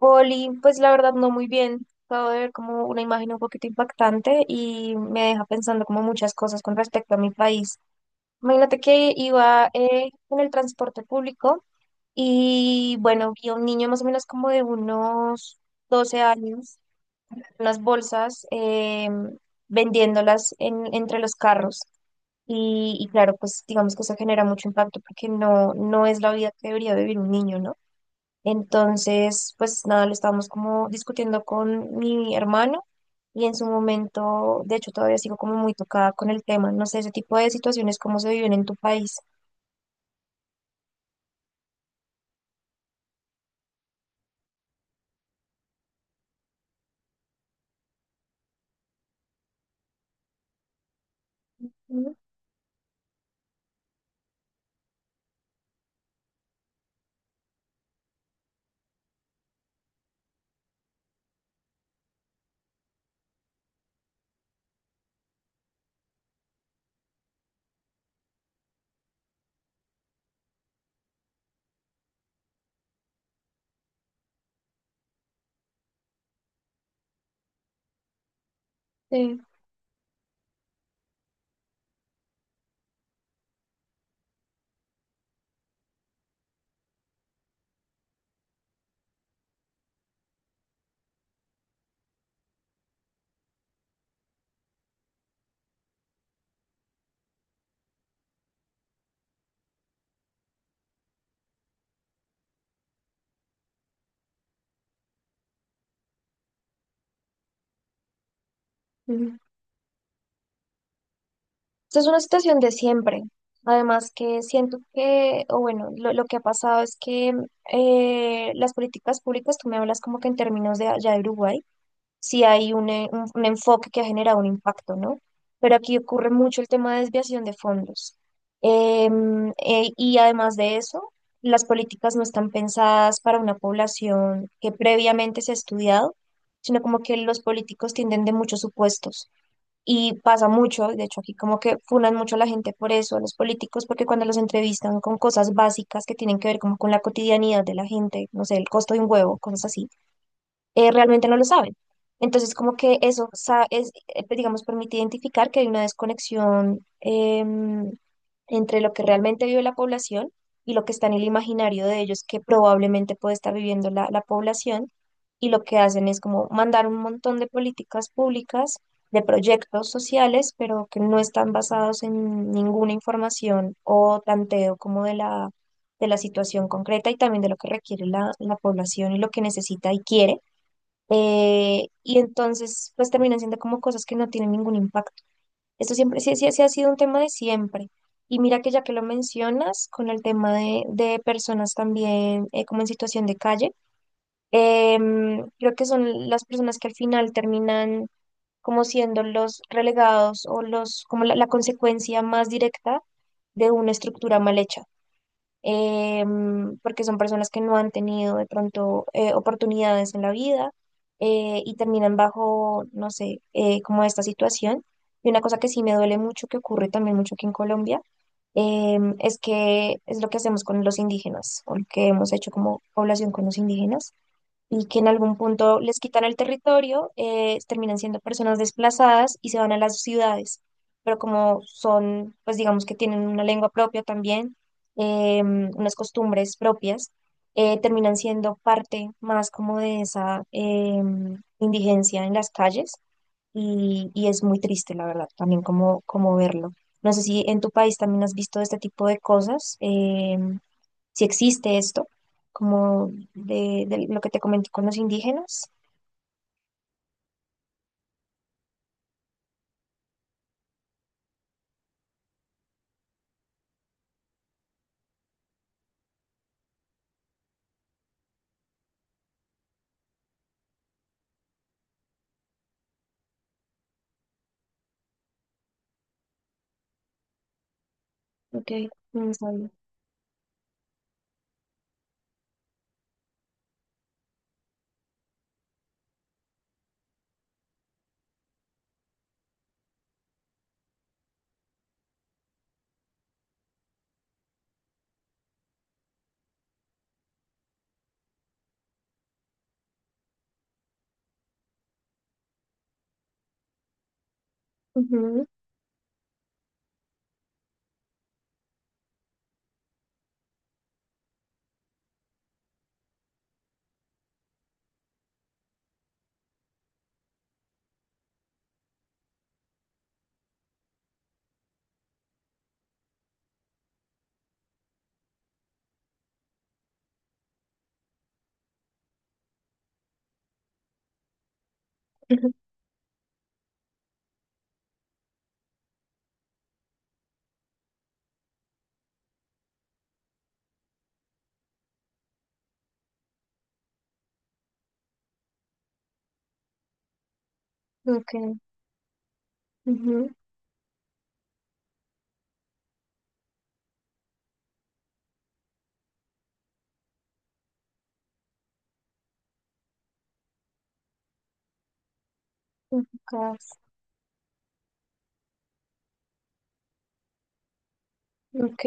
Oli, pues la verdad no muy bien. Acabo de ver como una imagen un poquito impactante y me deja pensando como muchas cosas con respecto a mi país. Imagínate que iba en el transporte público y bueno, vi a un niño más o menos como de unos 12 años, unas bolsas vendiéndolas entre los carros. Y claro, pues digamos que eso genera mucho impacto porque no es la vida que debería vivir un niño, ¿no? Entonces, pues nada, lo estábamos como discutiendo con mi hermano y en su momento, de hecho, todavía sigo como muy tocada con el tema. No sé, ese tipo de situaciones, cómo se viven en tu país. Ujú. Sí. Ujú. Esta es una situación de siempre. Además que siento que, o bueno, lo que ha pasado es que las políticas públicas, tú me hablas como que en términos de allá de Uruguay. Si hay un enfoque que ha generado un impacto, ¿no? Pero aquí ocurre mucho el tema de desviación de fondos. Y además de eso, las políticas no están pensadas para una población que previamente se ha estudiado, sino como que los políticos tienden de muchos supuestos. Y pasa mucho, de hecho aquí como que funan mucho a la gente por eso, a los políticos, porque cuando los entrevistan con cosas básicas que tienen que ver como con la cotidianidad de la gente, no sé, el costo de un huevo, cosas así realmente no lo saben. Entonces, como que pues, digamos, permite identificar que hay una desconexión entre lo que realmente vive la población y lo que está en el imaginario de ellos que probablemente puede estar viviendo la población. Y lo que hacen es como mandar un montón de políticas públicas, de proyectos sociales, pero que no están basados en ninguna información o tanteo como de de la situación concreta y también de lo que requiere la población y lo que necesita y quiere. Y entonces, pues terminan siendo como cosas que no tienen ningún impacto. Esto siempre sí ha sido un tema de siempre. Y mira que ya que lo mencionas, con el tema de personas también como en situación de calle, creo que son las personas que al final terminan como siendo los relegados o los, como la consecuencia más directa de una estructura mal hecha, porque son personas que no han tenido de pronto oportunidades en la vida, y terminan bajo, no sé, como esta situación. Y una cosa que sí me duele mucho, que ocurre también mucho aquí en Colombia, es que es lo que hacemos con los indígenas, o lo que hemos hecho como población con los indígenas y que en algún punto les quitan el territorio, terminan siendo personas desplazadas y se van a las ciudades. Pero como son, pues digamos que tienen una lengua propia también, unas costumbres propias, terminan siendo parte más como de esa indigencia en las calles y es muy triste, la verdad, también como, como verlo. No sé si en tu país también has visto este tipo de cosas. Si existe esto, como de lo que te comenté con los indígenas. Ok, no sabía. Ujú, ujú. Ok. Ujú. Ujucas. Ok.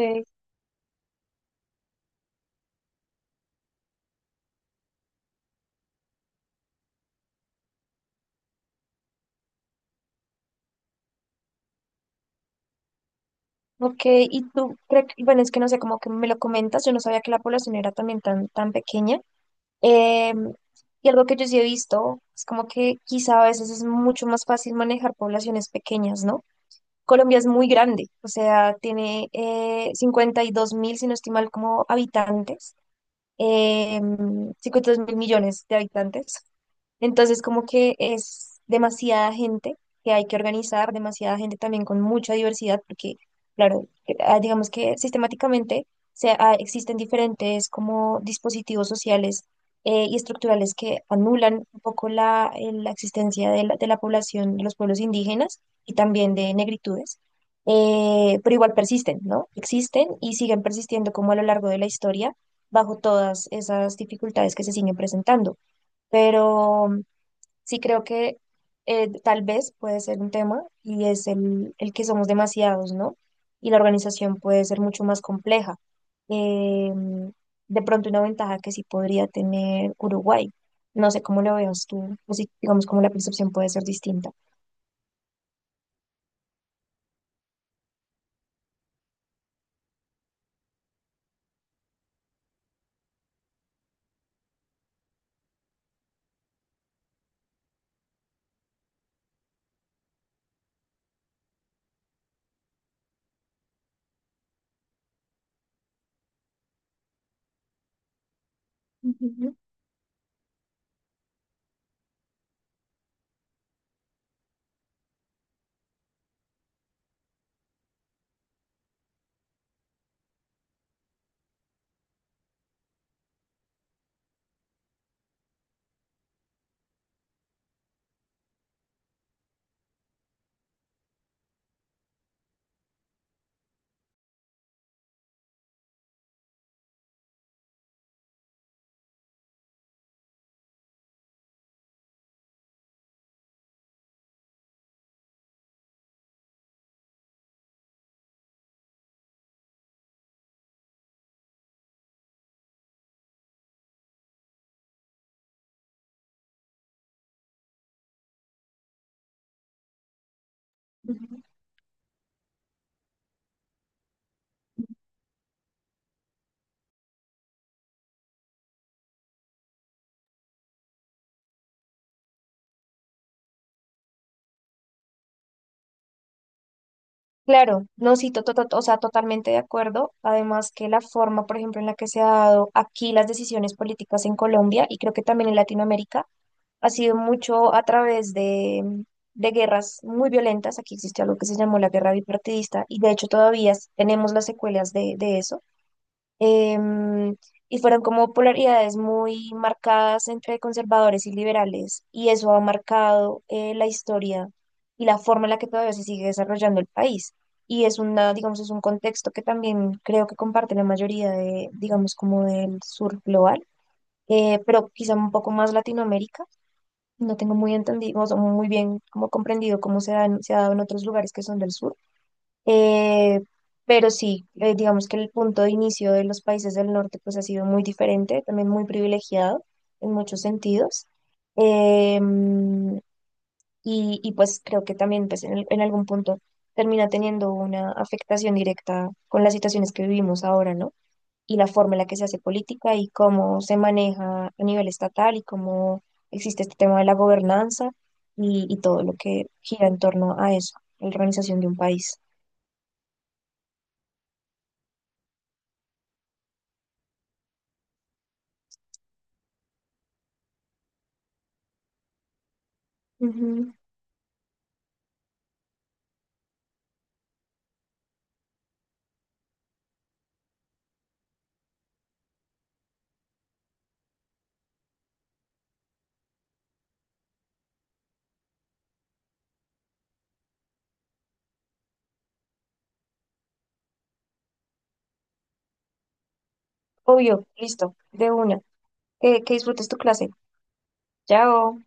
Ok. Y tú, creo que bueno, es que no sé, como que me lo comentas, yo no sabía que la población era también tan, tan pequeña. Em, y algo que yo sí he visto es como que quizá a veces es mucho más fácil manejar poblaciones pequeñas, ¿no? Colombia es muy grande, o sea, tiene 52.000, si no estoy mal, como habitantes. eh, 52 mil millones de habitantes. Entonces, como que es demasiada gente que hay que organizar, demasiada gente también con mucha diversidad, porque, claro, que ah, digamos que sistemáticamente se, ah, existen diferentes como dispositivos sociales y estructurales que anulan un poco la existencia de de la población de los pueblos indígenas y también de negritudes, pero igual persisten, ¿no? Existen y siguen persistiendo como a lo largo de la historia bajo todas esas dificultades que se siguen presentando. Pero sí, creo que tal vez puede ser un tema y es el que somos demasiados, ¿no? Y la organización puede ser mucho más compleja. Eh, de pronto una ventaja que sí podría tener Uruguay. No sé cómo lo veas tú, o si digamos cómo la percepción puede ser distinta. Ujú, ujú. Claro, no, sí, o sea, totalmente de acuerdo. Además que la forma, por ejemplo, en la que se ha dado aquí las decisiones políticas en Colombia y creo que también en Latinoamérica, ha sido mucho a través de, de guerras muy violentas. Aquí existió algo que se llamó la guerra bipartidista y de hecho todavía tenemos las secuelas de eso. Em, y fueron como polaridades muy marcadas entre conservadores y liberales y eso ha marcado la historia y la forma en la que todavía se sigue desarrollando el país. Y es una, digamos, es un contexto que también creo que comparte la mayoría de, digamos, como del sur global, pero quizá un poco más Latinoamérica. No tengo muy entendido, o sea, muy bien como comprendido cómo se ha dado en otros lugares que son del sur. Eh, pero sí, digamos que el punto de inicio de los países del norte pues ha sido muy diferente, también muy privilegiado en muchos sentidos. Em, y, y, pues creo que también pues, en algún punto termina teniendo una afectación directa con las situaciones que vivimos ahora, ¿no? Y la forma en la que se hace política y cómo se maneja a nivel estatal y cómo existe este tema de la gobernanza y todo lo que gira en torno a eso, la organización de un país. Ujú. Obvio, listo, de una. Que disfrutes tu clase. Chao.